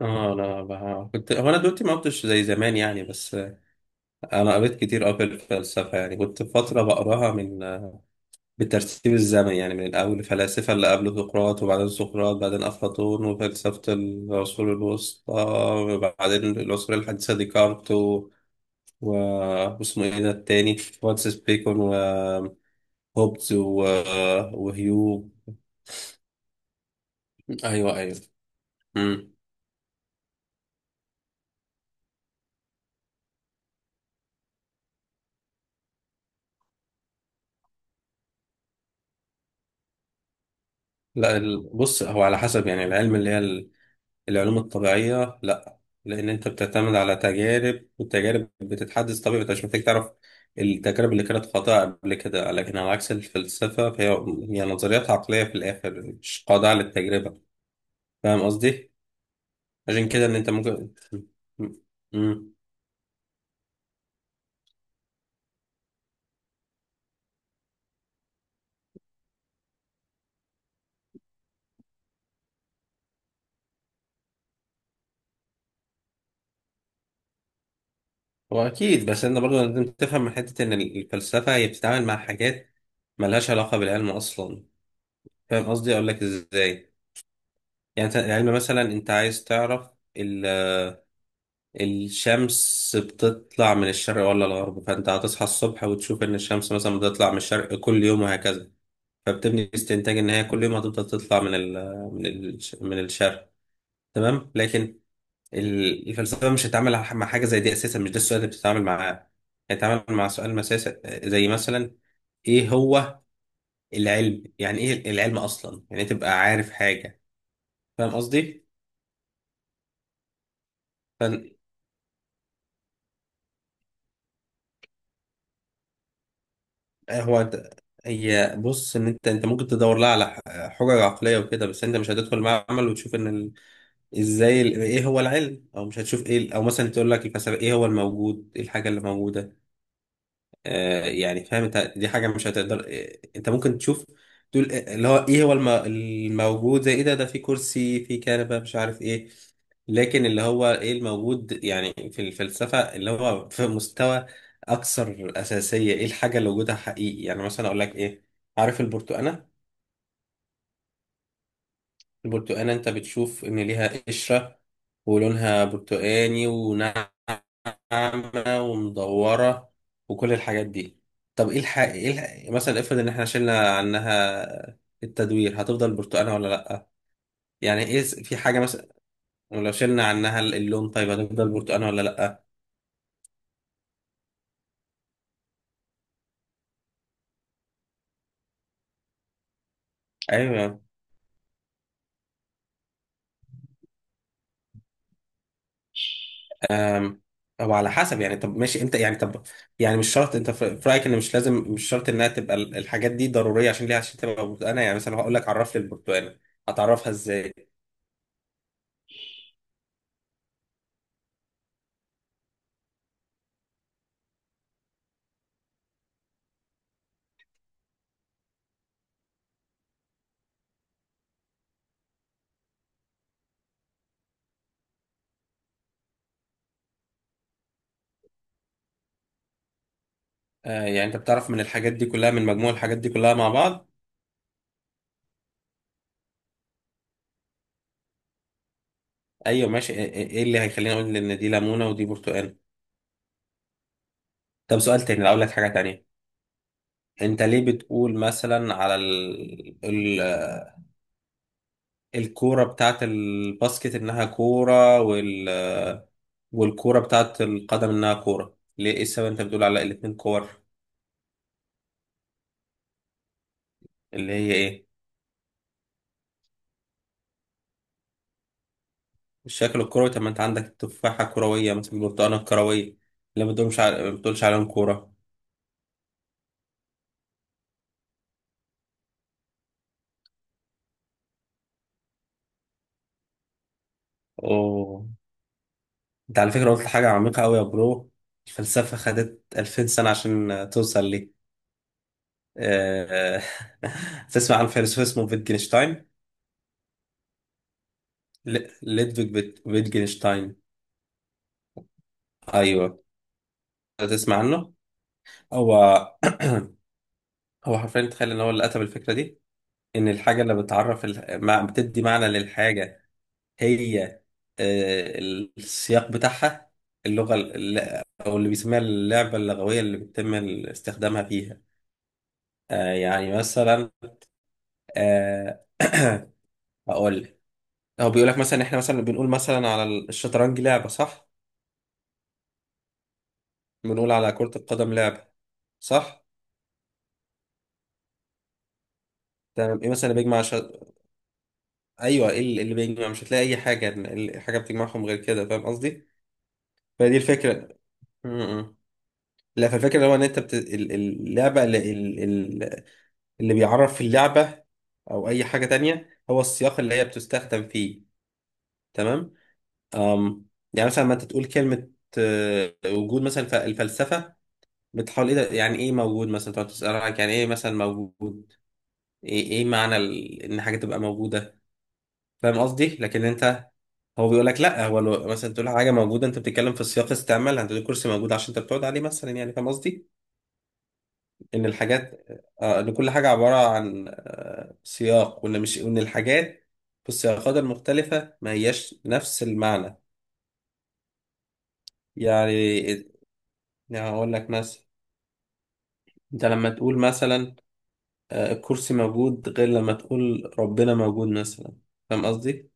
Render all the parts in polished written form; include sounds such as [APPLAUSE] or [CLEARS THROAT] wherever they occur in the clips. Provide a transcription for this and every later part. اه، لا بقى. كنت هو انا دلوقتي ما قلتش زي زمان، يعني. بس انا قريت كتير قوي في الفلسفه، يعني كنت فتره بقراها بالترتيب الزمني، يعني من الاول الفلاسفه اللي قبل سقراط، وبعدين سقراط، بعدين افلاطون، وفلسفه العصور الوسطى، وبعدين العصور الحديثه ديكارت و... واسمه ايه ده التاني، فرانسيس بيكون وهوبز، و... وهيو. ايوه ايوه. امم لا. بص، هو على حسب، يعني العلم اللي هي العلوم الطبيعية لا، لأن أنت بتعتمد على تجارب، والتجارب بتتحدث طبيعي، أنت مش محتاج تعرف التجارب اللي كانت خاطئة قبل كده. لكن على عكس الفلسفة، فهي هي نظريات عقلية في الآخر، مش خاضعة للتجربة. فاهم قصدي؟ عشان كده إن أنت ممكن م- م- هو أكيد، بس أنت برضه لازم تفهم من حتة إن الفلسفة هي بتتعامل مع حاجات ملهاش علاقة بالعلم أصلا. فاهم قصدي؟ أقول لك إزاي. يعني أنت العلم مثلا، أنت عايز تعرف الشمس بتطلع من الشرق ولا الغرب، فانت هتصحى الصبح وتشوف ان الشمس مثلا بتطلع من الشرق كل يوم، وهكذا. فبتبني استنتاج ان هي كل يوم هتفضل تطلع من ال من ال من الشرق. تمام. لكن الفلسفه مش هتتعامل مع حاجه زي دي اساسا، مش ده السؤال اللي بتتعامل معاه. هتتعامل مع سؤال مساسي، زي مثلا ايه هو العلم، يعني ايه العلم اصلا، يعني إيه تبقى عارف حاجه. فاهم قصدي. هو أنت- هي بص، ان انت ممكن تدور لها على حجج عقليه وكده، بس انت مش هتدخل معمل وتشوف ان ايه هو العلم، او مش هتشوف ايه او مثلا تقول لك الفلسفه ايه هو الموجود، ايه الحاجه اللي موجوده. يعني فاهم انت، دي حاجه مش هتقدر، انت ممكن تشوف، تقول اللي هو ايه هو الموجود زي ايه، ده ده في كرسي، في كنبه، مش عارف ايه. لكن اللي هو ايه الموجود يعني في الفلسفه، اللي هو في مستوى اكثر اساسيه، ايه الحاجه اللي وجودها حقيقي. يعني مثلا اقول لك ايه، عارف البرتقانه. البرتقانة انت بتشوف ان ليها قشرة، ولونها برتقاني، وناعمة، ومدورة، وكل الحاجات دي. طب ايه مثلا افرض ان احنا شلنا عنها التدوير، هتفضل برتقانة ولا لأ؟ يعني ايه، في حاجة مثلا. ولو شلنا عنها اللون، طيب هتفضل برتقانة ولا لأ؟ ايوه. أم، او على حسب يعني. طب ماشي انت يعني، طب يعني مش شرط، انت في رايك ان مش لازم، مش شرط انها تبقى الحاجات دي ضروريه عشان ليها، عشان تبقى برتقانه. يعني مثلا هقول لك، عرف لي البرتقانه، هتعرفها ازاي؟ آه، يعني انت بتعرف من الحاجات دي كلها، من مجموع الحاجات دي كلها مع بعض. ايوه ماشي. ايه إيه اللي هيخليني اقول ان دي ليمونه ودي برتقانه. طب سؤال تاني، لو اقول لك حاجه تانيه، انت ليه بتقول مثلا على الكوره بتاعت الباسكت انها كوره، والكورة بتاعت القدم إنها كورة؟ ليه، إيه السبب أنت بتقول على الاتنين كور؟ اللي هي إيه؟ الشكل الكروي. طب ما أنت عندك التفاحة كروية مثلا، البرتقانة الكروية، اللي ما بتقولش عليهم كورة. أوه، أنت على فكرة قلت حاجة عميقة أوي يا برو. الفلسفة خدت 2000 سنة عشان توصل لي. آه، [LAUGHS] تسمع عن فيلسوف اسمه فيتجنشتاين؟ ليدفيج فيتجنشتاين. أيوه، تسمع عنه؟ هو هو حرفيا تخيل إن هو اللي كتب الفكرة دي. ان الحاجه اللي بتعرف بتدي معنى للحاجه هي، آه، السياق بتاعها، اللغه او اللي بيسميها اللعبه اللغويه اللي بيتم استخدامها فيها. آه، يعني مثلا، آه، [CLEARS THROAT] هقول لك. هو بيقول لك مثلا، احنا مثلا بنقول مثلا على الشطرنج لعبه، صح؟ بنقول على كره القدم لعبه، صح؟ تمام. ايه مثلا اللي بيجمع ايوه ايه اللي بيجمع؟ مش هتلاقي اي حاجه، حاجه بتجمعهم غير كده. فاهم قصدي. فدي الفكره. م- م. لا، فالفكرة هو ان انت اللعبة ال- اللي بيعرف اللعبة او اي حاجة تانية هو السياق اللي هي بتستخدم فيه. تمام. أم... يعني مثلا، ما انت تقول كلمة، آه، وجود مثلا، الفلسفة بتحاول ايه ده، يعني ايه موجود مثلا، تقعد تسأل عنك يعني ايه مثلا موجود، إيه معنى ان حاجة تبقى موجودة. فاهم قصدي. لكن انت، هو بيقول لك لا، هو لو مثلا تقول حاجة موجودة، انت بتتكلم في السياق استعمال، انت تقول كرسي موجود عشان انت بتقعد عليه مثلا، يعني فاهم قصدي. ان الحاجات، آه، ان كل حاجه عباره عن، آه، سياق، وان مش وان الحاجات في السياقات المختلفه ما هياش نفس المعنى. يعني، يعني هقول لك مثلا، انت لما تقول مثلا، آه، الكرسي موجود، غير لما تقول ربنا موجود مثلا. فاهم قصدي؟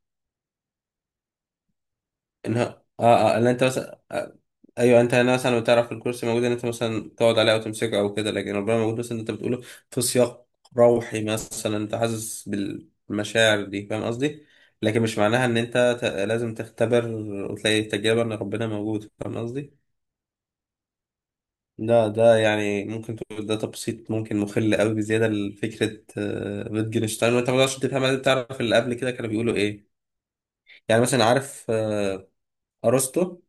انها اه اللي انت مثلا، آه، ايوه، انت هنا مثلا بتعرف الكرسي موجود ان انت مثلا تقعد عليه او تمسكه او كده، لكن ربنا موجود مثلا، انت بتقوله في سياق روحي مثلا، انت حاسس بالمشاعر دي. فاهم قصدي. لكن مش معناها ان انت لازم تختبر وتلاقي تجربة ان ربنا موجود. فاهم قصدي. ده يعني ممكن تقول ده تبسيط ممكن مخل قوي بزياده لفكره، آه، wittgenstein، وانت ما تقدرش تفهم، لازم تعرف اللي قبل كده كانوا بيقولوا ايه. يعني مثلا عارف، آه، ارسطو.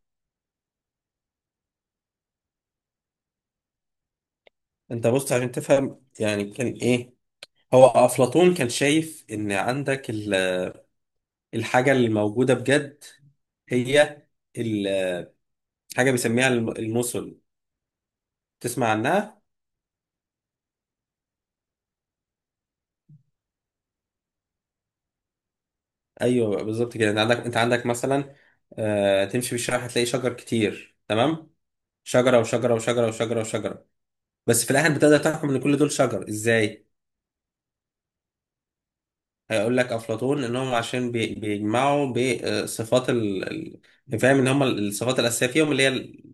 انت بص عشان تفهم يعني كان ايه. هو افلاطون كان شايف ان عندك الحاجه اللي موجوده بجد هي ال- حاجه بيسميها المثل. تسمع عنها؟ ايوه بالظبط كده. انت عندك، مثلا، آه، تمشي في الشارع هتلاقي شجر كتير. تمام. شجره وشجره وشجره وشجره وشجره، بس في الاخر بتقدر تحكم ان كل دول شجر. ازاي؟ هيقول لك افلاطون انهم عشان بيجمعوا بصفات، يعني فاهم ان هم الصفات الاساسيه فيهم، اللي هي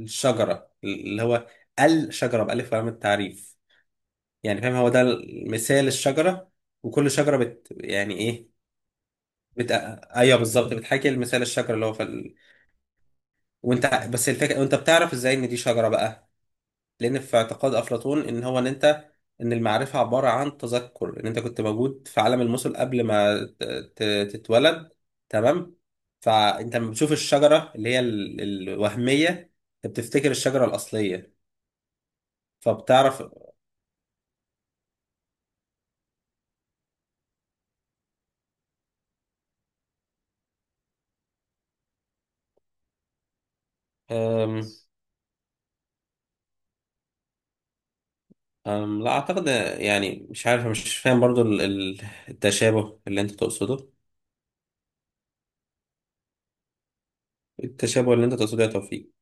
الشجره، اللي هو الشجره بالف لام التعريف. يعني فاهم، هو ده مثال الشجره. وكل شجره يعني ايه، بت... ايوه بالظبط، بتحكي المثال الشجره اللي هو في وانت، بس الفكره، وانت بتعرف ازاي ان دي شجره بقى؟ لان في اعتقاد افلاطون ان هو ان انت، ان المعرفه عباره عن تذكر، ان انت كنت موجود في عالم المثل قبل ما تتولد. تمام. فانت لما بتشوف الشجره اللي هي الوهميه، انت بتفتكر الشجره الاصليه، فبتعرف. أم أم. لا اعتقد، يعني مش عارف، مش فاهم برضو التشابه اللي انت تقصده، التشابه اللي انت تقصده يا توفيق.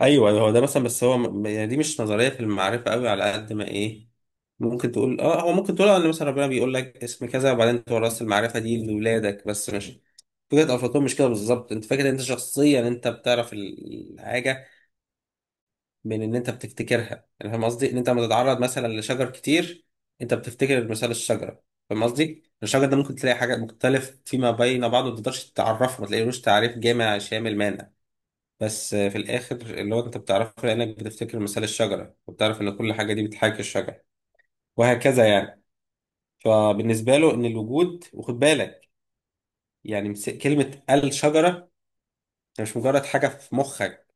ايوه هو ده مثلا، بس هو يعني دي مش نظريه في المعرفه قوي على قد ما ايه. ممكن تقول اه، هو ممكن تقول اه ان مثلا ربنا بيقول لك اسم كذا، وبعدين تورث المعرفه دي لاولادك، بس مش فكره افلاطون مش كده بالظبط. انت فاكر ان انت شخصيا انت بتعرف الحاجه من ان انت بتفتكرها. يعني فاهم قصدي، ان انت لما تتعرض مثلا لشجر كتير، انت بتفتكر مثال الشجره. فاهم قصدي. الشجر ده ممكن تلاقي حاجات مختلف فيما بين بعضه، ما تقدرش تعرفه، ما تلاقيلوش تعريف جامع شامل مانع. بس في الآخر اللي هو أنت بتعرفه لأنك بتفتكر مثال الشجرة، وبتعرف إن كل حاجة دي بتحاكي الشجرة، وهكذا يعني. فبالنسبة له إن الوجود، وخد بالك، يعني كلمة الشجرة هي مش مجرد حاجة في مخك.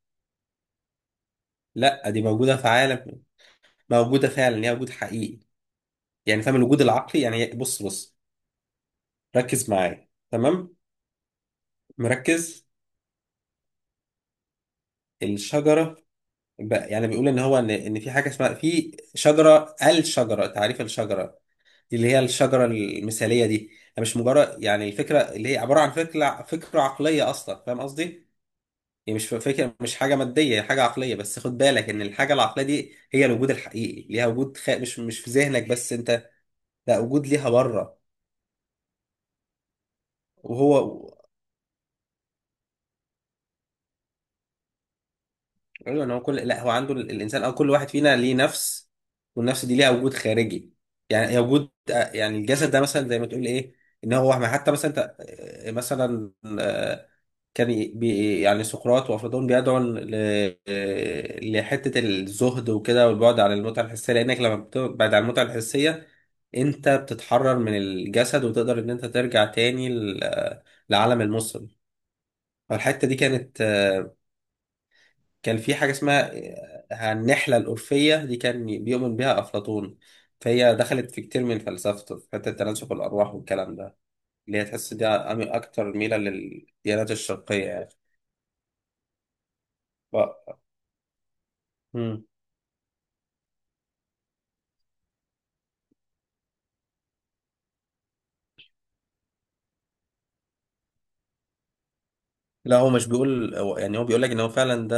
لا، دي موجودة في عالم، موجودة فعلا، هي وجود حقيقي. يعني فاهم، الوجود العقلي. يعني بص ركز معايا. تمام. مركز. الشجرة بقى، يعني بيقول إن هو إن إن في حاجة اسمها شجرة، الشجرة، تعريف الشجرة، اللي هي الشجرة المثالية دي، هي مش مجرد يعني الفكرة اللي هي عبارة عن فكرة، فكرة عقلية أصلا. فاهم قصدي؟ هي مش فكرة، مش حاجة مادية، هي حاجة عقلية، بس خد بالك إن الحاجة العقلية دي هي الوجود الحقيقي، ليها وجود خ... مش مش في ذهنك بس أنت، لا وجود ليها بره. وهو، ايوه إن هو كل، لا هو عنده الانسان او كل واحد فينا ليه نفس، والنفس دي ليها وجود خارجي. يعني هي وجود، آه، يعني الجسد ده مثلا زي ما تقول ايه، ان هو ما، حتى مثلا انت، آه، مثلا، آه، كان ي- بي يعني سقراط وافلاطون بيدعوا آه، لحته الزهد وكده، والبعد عن المتعه الحسيه، لانك لما بتبعد عن المتعه الحسيه انت بتتحرر من الجسد، وتقدر ان انت ترجع تاني آه، لعالم المصل. فالحته دي كانت، كان في حاجة اسمها، آه، النحلة الأرفية، دي كان بيؤمن بيها أفلاطون. فهي دخلت في كتير من فلسفته في حتة تناسخ الأرواح والكلام ده، اللي هي تحس دي أكتر ميلة للديانات الشرقية يعني. ف... مم. لا هو مش بيقول، يعني هو بيقول لك إن هو فعلا ده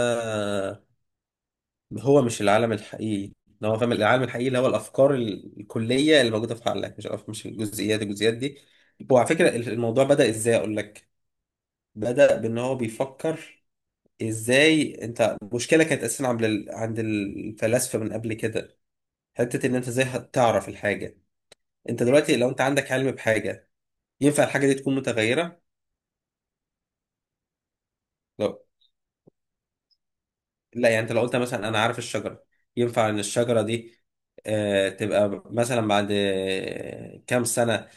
هو مش العالم الحقيقي، إن هو فاهم العالم الحقيقي اللي هو الأفكار الكلية اللي موجودة في عقلك، مش مش الجزئيات، الجزئيات دي. هو على فكرة الموضوع بدأ إزاي أقول لك. بدأ بإن هو بيفكر ازاي. انت مشكله كانت اساسا عند عند الفلاسفه من قبل كده، حته ان انت ازاي هتعرف الحاجه. انت دلوقتي لو انت عندك علم بحاجه، ينفع الحاجه دي تكون متغيره؟ لو، لا يعني انت لو قلت مثلا انا عارف الشجره، ينفع ان الشجره دي، آه، تبقى مثلا بعد، آه، كام سنه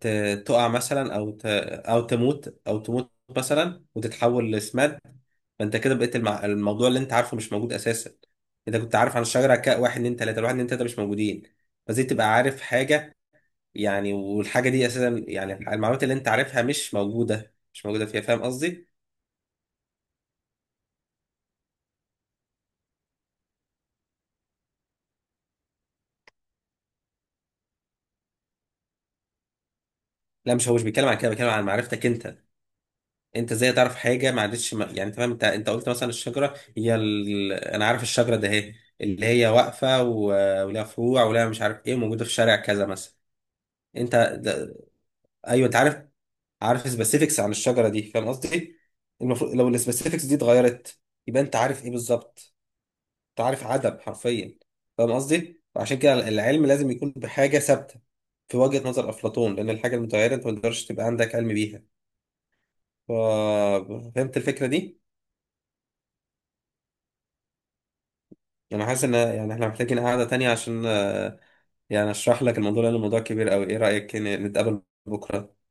تقع مثلا، او تموت، مثلا، وتتحول لسماد. فانت كده بقيت الموضوع اللي انت عارفه مش موجود اساسا. انت كنت عارف عن الشجره ك 1 2 3، ال1 2 3 مش موجودين. فزي تبقى عارف حاجه يعني، والحاجه دي اساسا، يعني المعلومات اللي انت عارفها مش موجوده، مش موجوده فيها. فاهم قصدي؟ لا مش، هو مش بيتكلم عن كده، بيتكلم عن معرفتك انت، انت ازاي تعرف حاجه ما عادتش يعني انت فاهم، انت قلت مثلا الشجره هي انا عارف الشجره ده اهي، اللي هي واقفه ولها فروع، ولها مش عارف ايه، موجوده في شارع كذا مثلا. انت ده... ايوه انت عارف، عارف سبيسيفيكس عن الشجره دي. فاهم قصدي. المفروض لو السبيسيفيكس دي اتغيرت، يبقى انت عارف ايه بالظبط؟ انت عارف عدد حرفيا. فاهم قصدي. وعشان كده العلم لازم يكون بحاجه ثابته، في وجهه نظر افلاطون، لان الحاجه المتغيره انت ما تقدرش تبقى عندك علم بيها. ف- فهمت الفكره دي؟ انا حاسس ان، يعني احنا محتاجين قعده تانية عشان، آه، يعني اشرح لك الموضوع، لان الموضوع كبير قوي. ايه رايك نتقابل بكره؟